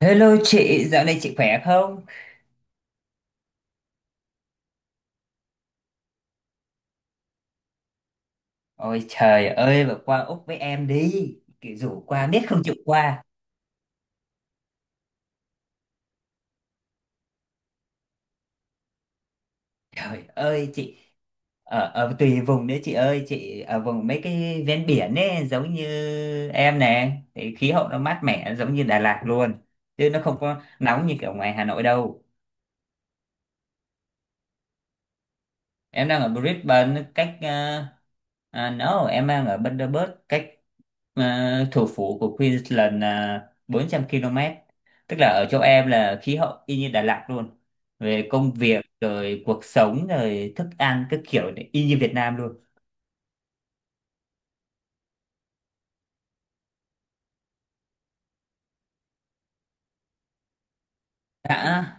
Hello chị, dạo này chị khỏe không? Ôi trời ơi, mà qua Úc với em đi. Kiểu rủ qua biết không chịu qua. Trời ơi chị, ở tùy vùng đấy chị ơi, chị ở vùng mấy cái ven biển ấy, giống như em nè. Thì khí hậu nó mát mẻ giống như Đà Lạt luôn. Chứ nó không có nóng như kiểu ngoài Hà Nội đâu. Em đang ở Brisbane cách à, no, em đang ở Bundaberg cách ờ, thủ phủ của Queensland là 400 km. Tức là ở chỗ em là khí hậu y như Đà Lạt luôn. Về công việc rồi cuộc sống rồi thức ăn các kiểu này, y như Việt Nam luôn. Đã.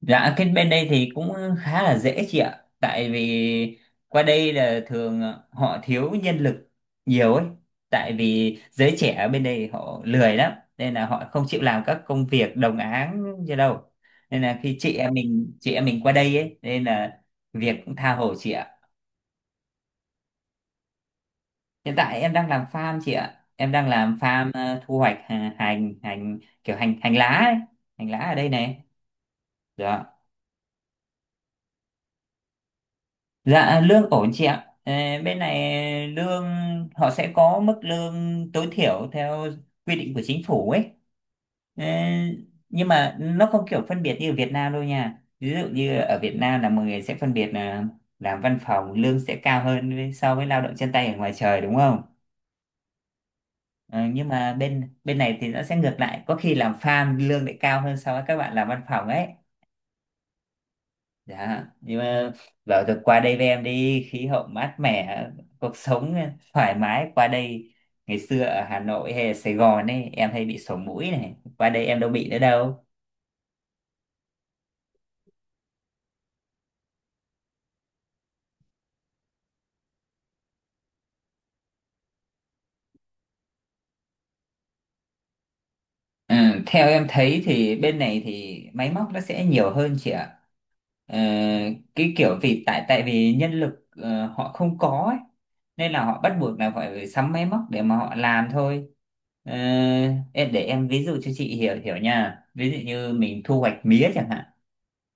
Dạ, cái bên đây thì cũng khá là dễ chị ạ. Tại vì qua đây là thường họ thiếu nhân lực nhiều ấy. Tại vì giới trẻ ở bên đây họ lười lắm. Nên là họ không chịu làm các công việc đồng áng như đâu. Nên là khi chị em mình qua đây ấy. Nên là việc cũng tha hồ chị ạ. Hiện tại em đang làm farm chị ạ. Em đang làm farm thu hoạch hành kiểu hành hành lá ấy. Hành lá ở đây này. Dạ. Dạ lương ổn chị ạ. Ờ, Bên này lương họ sẽ có mức lương tối thiểu theo quy định của chính phủ ấy. Ờ, Nhưng mà nó không kiểu phân biệt như ở Việt Nam đâu nha. Ví dụ như ở Việt Nam là mọi người sẽ phân biệt là làm văn phòng lương sẽ cao hơn so với lao động chân tay ở ngoài trời đúng không? Ờ, nhưng mà bên bên này thì nó sẽ ngược lại, có khi làm farm lương lại cao hơn so với các bạn làm văn phòng ấy. Dạ, nhưng mà bảo được qua đây với em đi, khí hậu mát mẻ, cuộc sống thoải mái qua đây. Ngày xưa ở Hà Nội hay ở Sài Gòn ấy, em hay bị sổ mũi này, qua đây em đâu bị nữa đâu. Ừ, theo em thấy thì bên này thì máy móc nó sẽ nhiều hơn chị ạ. Ờ, cái kiểu vì tại tại vì nhân lực họ không có ấy, nên là họ bắt buộc là phải sắm máy móc để mà họ làm thôi. Ờ, em để em ví dụ cho chị hiểu hiểu nha. Ví dụ như mình thu hoạch mía chẳng hạn.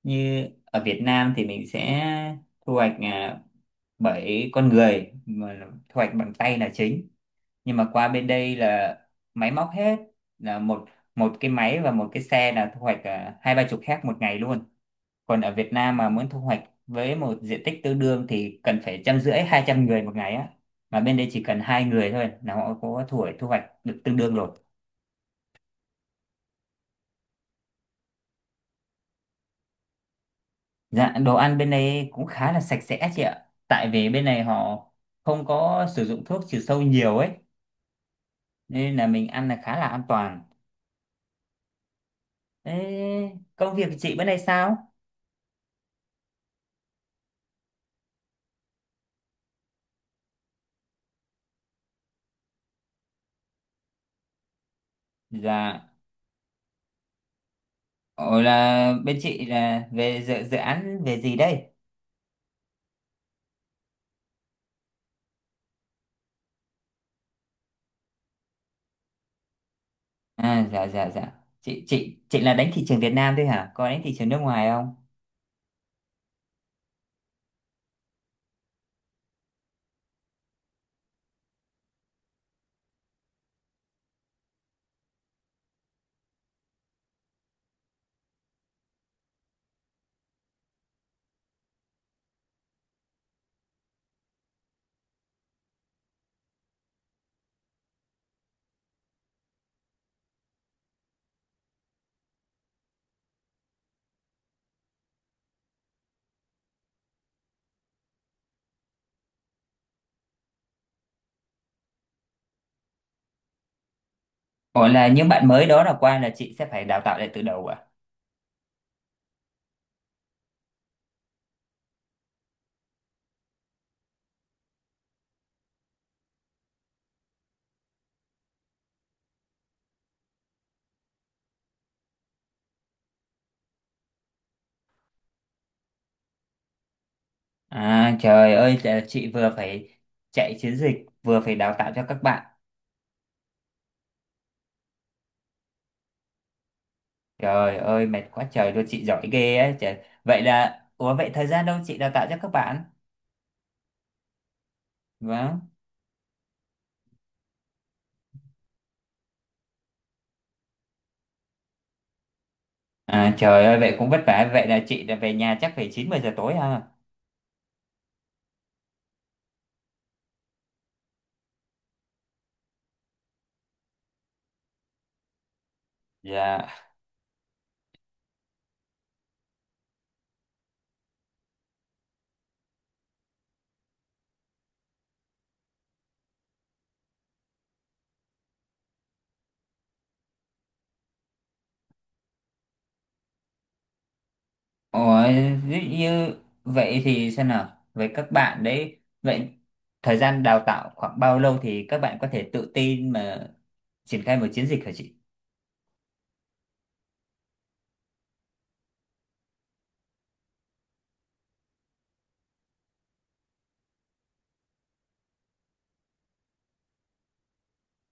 Như ở Việt Nam thì mình sẽ thu hoạch à, bởi con người mà thu hoạch bằng tay là chính, nhưng mà qua bên đây là máy móc hết, là một một cái máy và một cái xe là thu hoạch à, hai ba chục héc một ngày luôn, còn ở Việt Nam mà muốn thu hoạch với một diện tích tương đương thì cần phải trăm rưỡi hai trăm người một ngày á, mà bên đây chỉ cần hai người thôi là họ có thu hoạch được tương đương rồi. Dạ, đồ ăn bên đây cũng khá là sạch sẽ chị ạ, tại vì bên này họ không có sử dụng thuốc trừ sâu nhiều ấy, nên là mình ăn là khá là an toàn. Ê, công việc của chị bữa nay sao? Dạ. Ồ, là bên chị là về dự án về gì đây? À, dạ dạ dạ. Chị là đánh thị trường Việt Nam thôi hả? Có đánh thị trường nước ngoài không? Ồ, là những bạn mới đó là qua là chị sẽ phải đào tạo lại từ đầu à? À trời ơi, là chị vừa phải chạy chiến dịch vừa phải đào tạo cho các bạn. Trời ơi mệt quá trời luôn, chị giỏi ghê ấy. Trời. Vậy là ủa vậy thời gian đâu chị đào tạo cho các bạn? Vâng. À trời ơi vậy cũng vất vả. Vậy là chị là về nhà chắc phải 9 10 giờ tối ha. Dạ. Ủa, ví dụ như vậy thì xem nào, với các bạn đấy, vậy thời gian đào tạo khoảng bao lâu thì các bạn có thể tự tin mà triển khai một chiến dịch hả chị?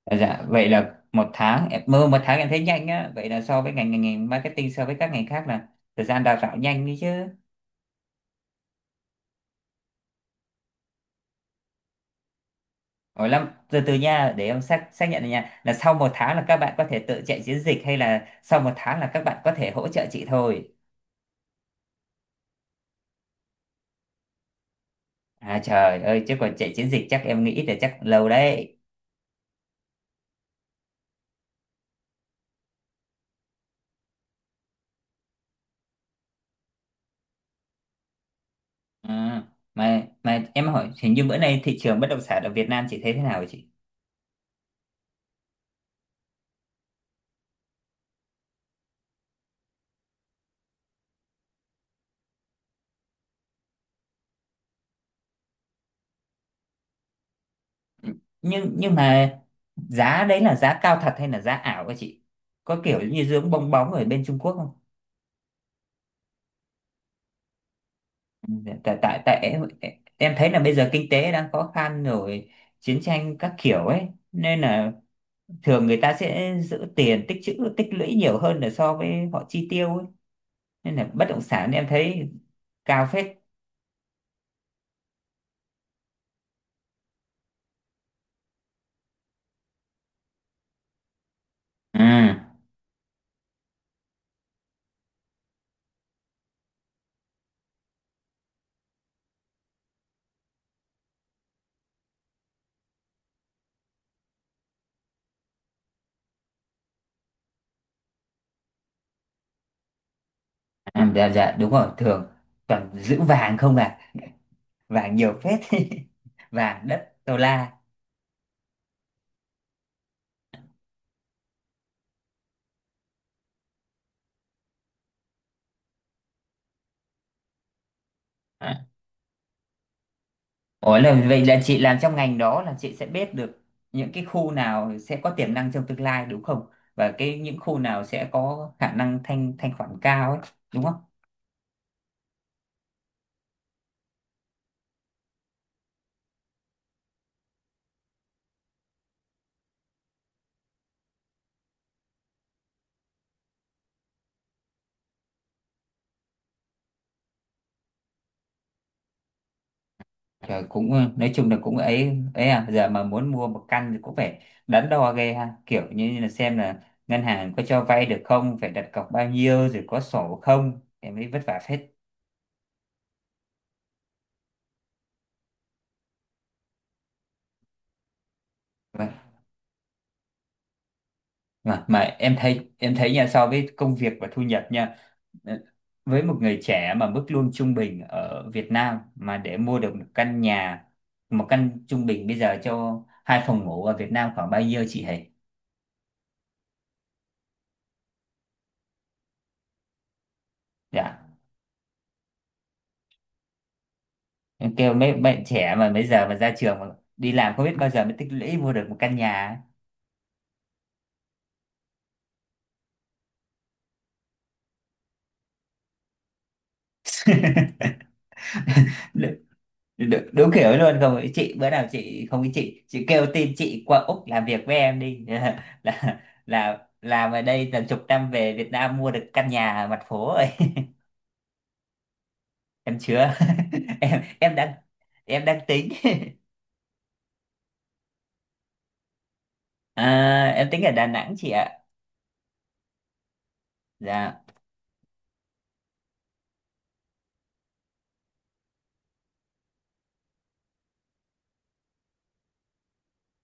À, dạ, vậy là một tháng, em mơ một tháng em thấy nhanh á, vậy là so với ngành ngành, ngành marketing so với các ngành khác là thời gian đào tạo nhanh đi chứ. Ủa lắm, từ từ nha, để em xác xác nhận này nha, là sau một tháng là các bạn có thể tự chạy chiến dịch hay là sau một tháng là các bạn có thể hỗ trợ chị thôi? À trời ơi, chứ còn chạy chiến dịch chắc em nghĩ là chắc lâu đấy. À, mà em hỏi hình như bữa nay thị trường bất động sản ở Việt Nam chị thấy thế nào hả chị? Nhưng mà giá đấy là giá cao thật hay là giá ảo hả chị? Có kiểu như dưỡng bong bóng ở bên Trung Quốc không? Ừ, Tại tại tại em thấy là bây giờ kinh tế đang khó khăn rồi, chiến tranh các kiểu ấy nên là thường người ta sẽ giữ tiền tích trữ tích lũy nhiều hơn là so với họ chi tiêu ấy. Nên là bất động sản em thấy cao phết. Ừ, à, dạ dạ đúng rồi, thường toàn giữ vàng không à, vàng nhiều phết vàng đất đô la à. Ủa, là vậy là chị làm trong ngành đó là chị sẽ biết được những cái khu nào sẽ có tiềm năng trong tương lai đúng không, và cái những khu nào sẽ có khả năng thanh thanh khoản cao ấy đúng không? Trời, cũng ừ, nói chung là cũng ấy ấy à, giờ mà muốn mua một căn thì cũng phải đắn đo ghê ha, kiểu như là xem là ngân hàng có cho vay được không, phải đặt cọc bao nhiêu, rồi có sổ không em ấy, vất vả phết. Vâng. Mà em thấy nha, so với công việc và thu nhập nha, ờ, với một người trẻ mà mức lương trung bình ở Việt Nam mà để mua được một căn nhà, một căn trung bình bây giờ cho hai phòng ngủ ở Việt Nam khoảng bao nhiêu chị hề? Dạ, em kêu mấy bạn trẻ mà bây giờ mà ra trường mà đi làm không biết bao giờ mới tích lũy mua được một căn nhà. Đ- đúng kiểu ấy luôn không ý chị, bữa nào chị không ý chị kêu tin chị qua Úc làm việc với em đi là là làm ở đây tầm chục năm về Việt Nam mua được căn nhà ở mặt phố rồi. Em chưa. Em đang, em đang tính. À, em tính ở Đà Nẵng chị ạ. Dạ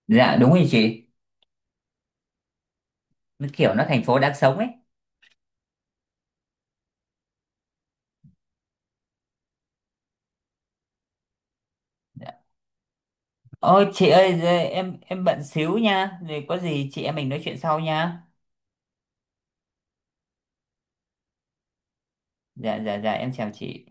dạ đúng rồi chị, nó kiểu nó thành phố đáng sống ấy. Dạ. Ôi chị ơi giờ em bận xíu nha, rồi có gì chị em mình nói chuyện sau nha. Dạ dạ dạ em chào chị.